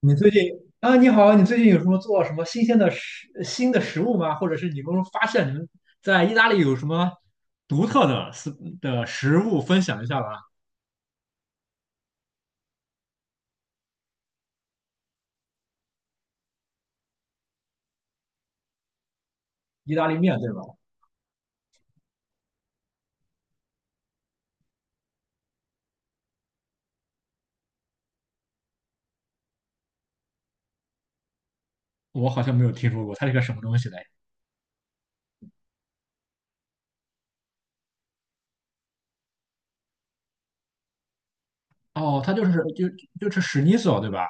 你最近啊，你好，你最近有什么做什么新的食物吗？或者是你们发现你们在意大利有什么独特的食物分享一下吧？意大利面，对吧？我好像没有听说过，它是个什么东西嘞？哦，它就是史尼索，对吧？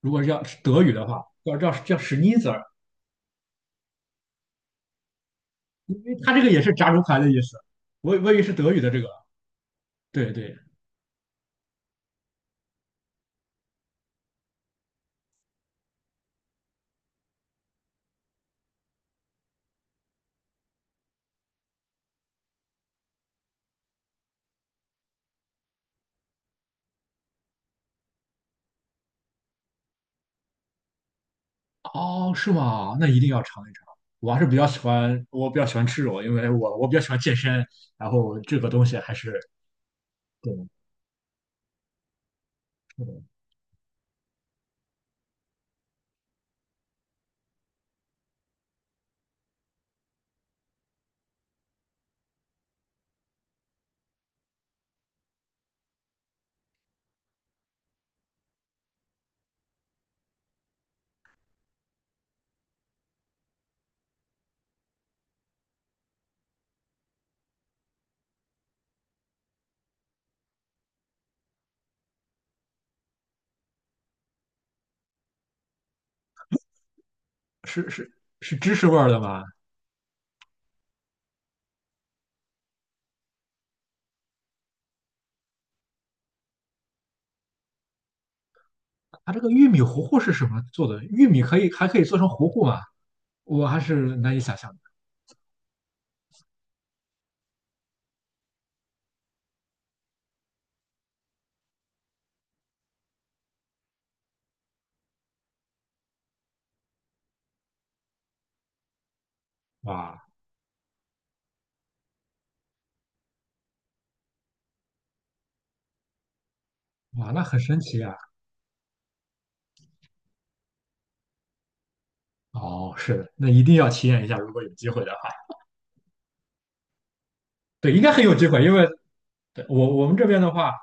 如果是要是德语的话，叫史尼索，因为它这个也是炸猪排的意思。我以为是德语的这个，对对，哦，是吗？那一定要尝一尝。我还是比较喜欢，我比较喜欢吃肉，因为我比较喜欢健身，然后这个东西还是对。是的，是是，是芝士味儿的吗？它这个玉米糊糊是什么做的？玉米还可以做成糊糊吗？我还是难以想象的。哇，哇，那很神奇啊！哦，是的，那一定要体验一下，如果有机会的话，对，应该很有机会，因为对，我们这边的话。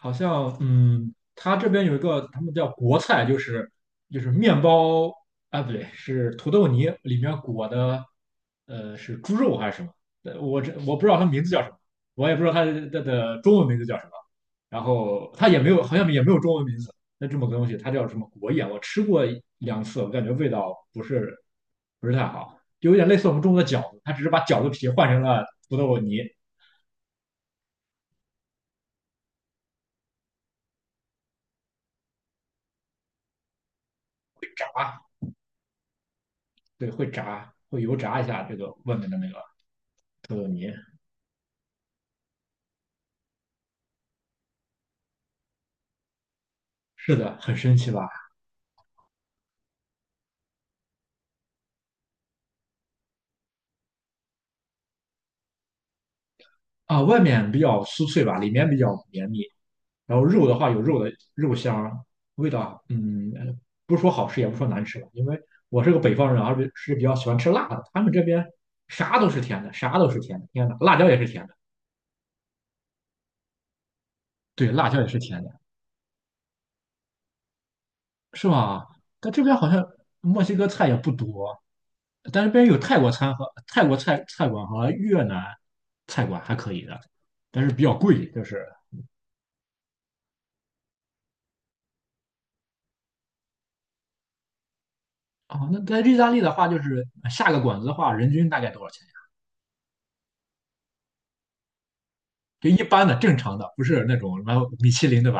好像它这边有一个他们叫国菜，就是面包啊，不对，是土豆泥里面裹的，是猪肉还是什么？我不知道它名字叫什么，我也不知道它的中文名字叫什么。然后它也没有，好像也没有中文名字。那这么个东西，它叫什么国宴？我吃过2次，我感觉味道不是太好，就有点类似我们中国的饺子，它只是把饺子皮换成了土豆泥，炸，对，会炸，会油炸一下这个外面的那个。土豆泥，是的，很神奇吧？啊，外面比较酥脆吧，里面比较绵密。然后肉的话有肉的肉香，味道，不说好吃也不说难吃吧，因为我是个北方人，而且是比较喜欢吃辣的。他们这边啥都是甜的，啥都是甜的，天呐，辣椒也是甜的，对，辣椒也是甜的，是吧？但这边好像墨西哥菜也不多，但是这边有泰国餐和泰国菜菜馆和越南菜馆还可以的，但是比较贵，就是。哦，那在意大利的话，就是下个馆子的话，人均大概多少钱呀？就一般的、正常的，不是那种什么米其林，对吧？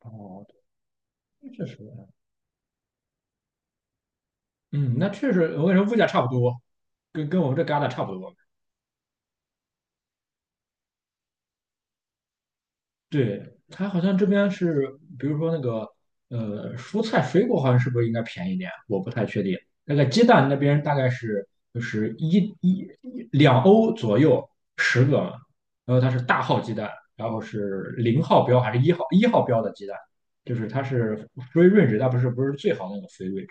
哦，那确实，嗯，那确实，我跟你说，物价差不多，跟我们这旮沓差不多。对，它好像这边是，比如说那个蔬菜水果好像是不是应该便宜点？我不太确定。那个鸡蛋那边大概是，就是一两欧左右十个嘛，然后它是大号鸡蛋，然后是0号标还是一号标的鸡蛋，就是它是 free range，它不是最好的那个 g e。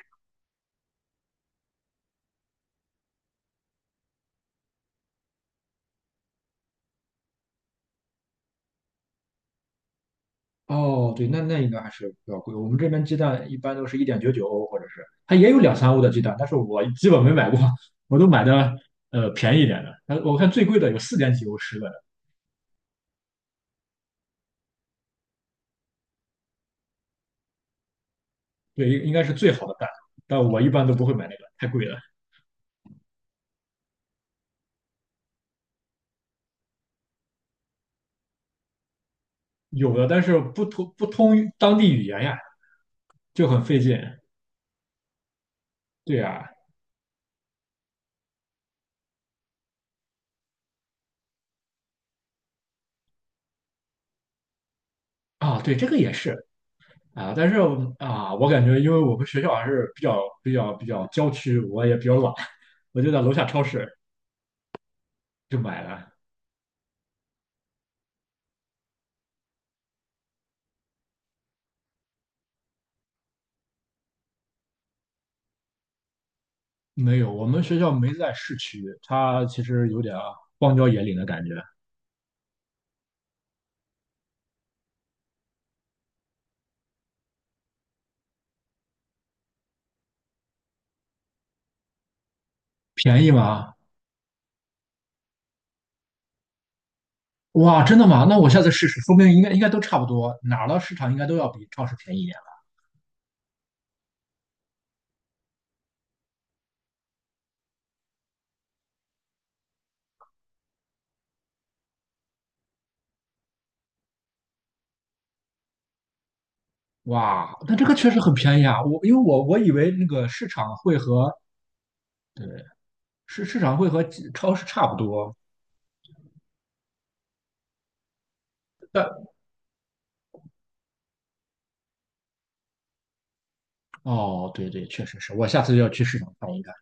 哦，对，那应该还是比较贵。我们这边鸡蛋一般都是1.99欧，或者是它也有两三欧的鸡蛋，但是我基本没买过，我都买的便宜一点的。但我看最贵的有四点几欧十个的，对，应该是最好的蛋，但我一般都不会买那个，太贵了。有的，但是不通当地语言呀，就很费劲。对呀，啊，啊对，这个也是啊，但是啊，我感觉因为我们学校还是比较郊区，我也比较懒，我就在楼下超市就买了。没有，我们学校没在市区，它其实有点啊荒郊野岭的感觉。便宜吗？哇，真的吗？那我下次试试，说不定应该都差不多，哪儿的市场应该都要比超市便宜一点了，哇，那这个确实很便宜啊！我因为我以为那个市场会和，对，市场会和超市差不多，但哦，对对，确实是我下次要去市场看一看，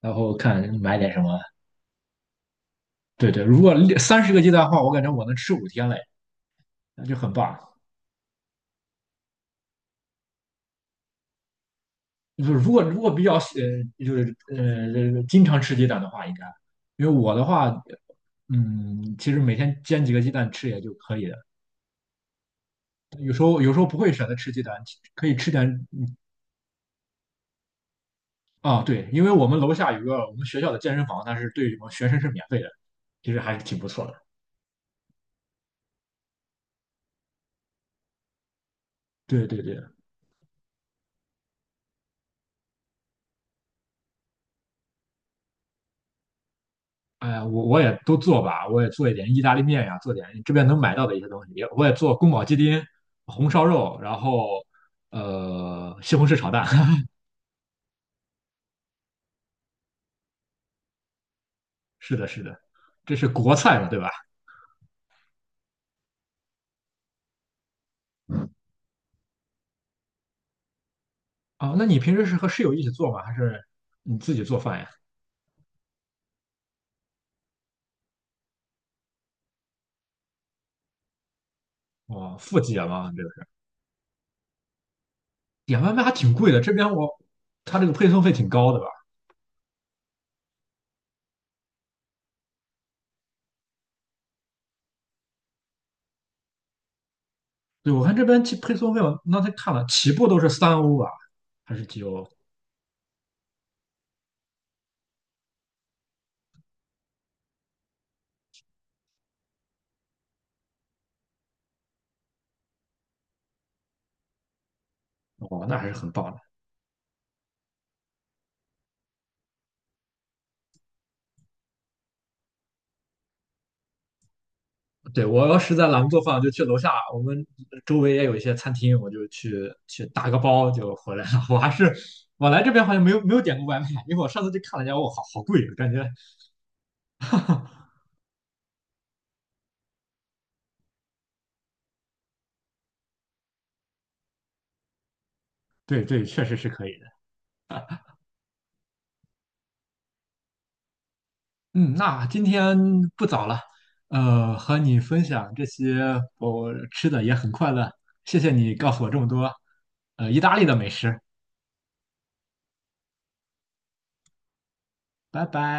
然后看买点什么。对对，如果30个鸡蛋的话，我感觉我能吃5天嘞，那就很棒。就是如果比较就是经常吃鸡蛋的话，应该，因为我的话，其实每天煎几个鸡蛋吃也就可以了。有时候不会选择吃鸡蛋，可以吃点嗯啊，对，因为我们楼下有个我们学校的健身房，但是对我们学生是免费的，其实还是挺不错的。对对对，哎呀，我也都做吧，我也做一点意大利面呀，做点这边能买到的一些东西，我也做宫保鸡丁、红烧肉，然后西红柿炒蛋。是的，是的，这是国菜嘛，对吧？哦，那你平时是和室友一起做吗？还是你自己做饭呀？哦，富姐嘛，这个是点外卖还挺贵的，这边他这个配送费挺高的吧？对，我看这边起配送费，我那才看了，起步都是三欧吧，还是几欧？哦，那还是很棒的。对，我要实在懒得做饭，我就去楼下，我们周围也有一些餐厅，我就去打个包就回来了。我还是我来这边好像没有点过外卖，因为我上次去看了一下，我好贵，感觉对对，确实是可以的。嗯，那今天不早了，和你分享这些我吃的也很快乐，谢谢你告诉我这么多，意大利的美食，拜拜。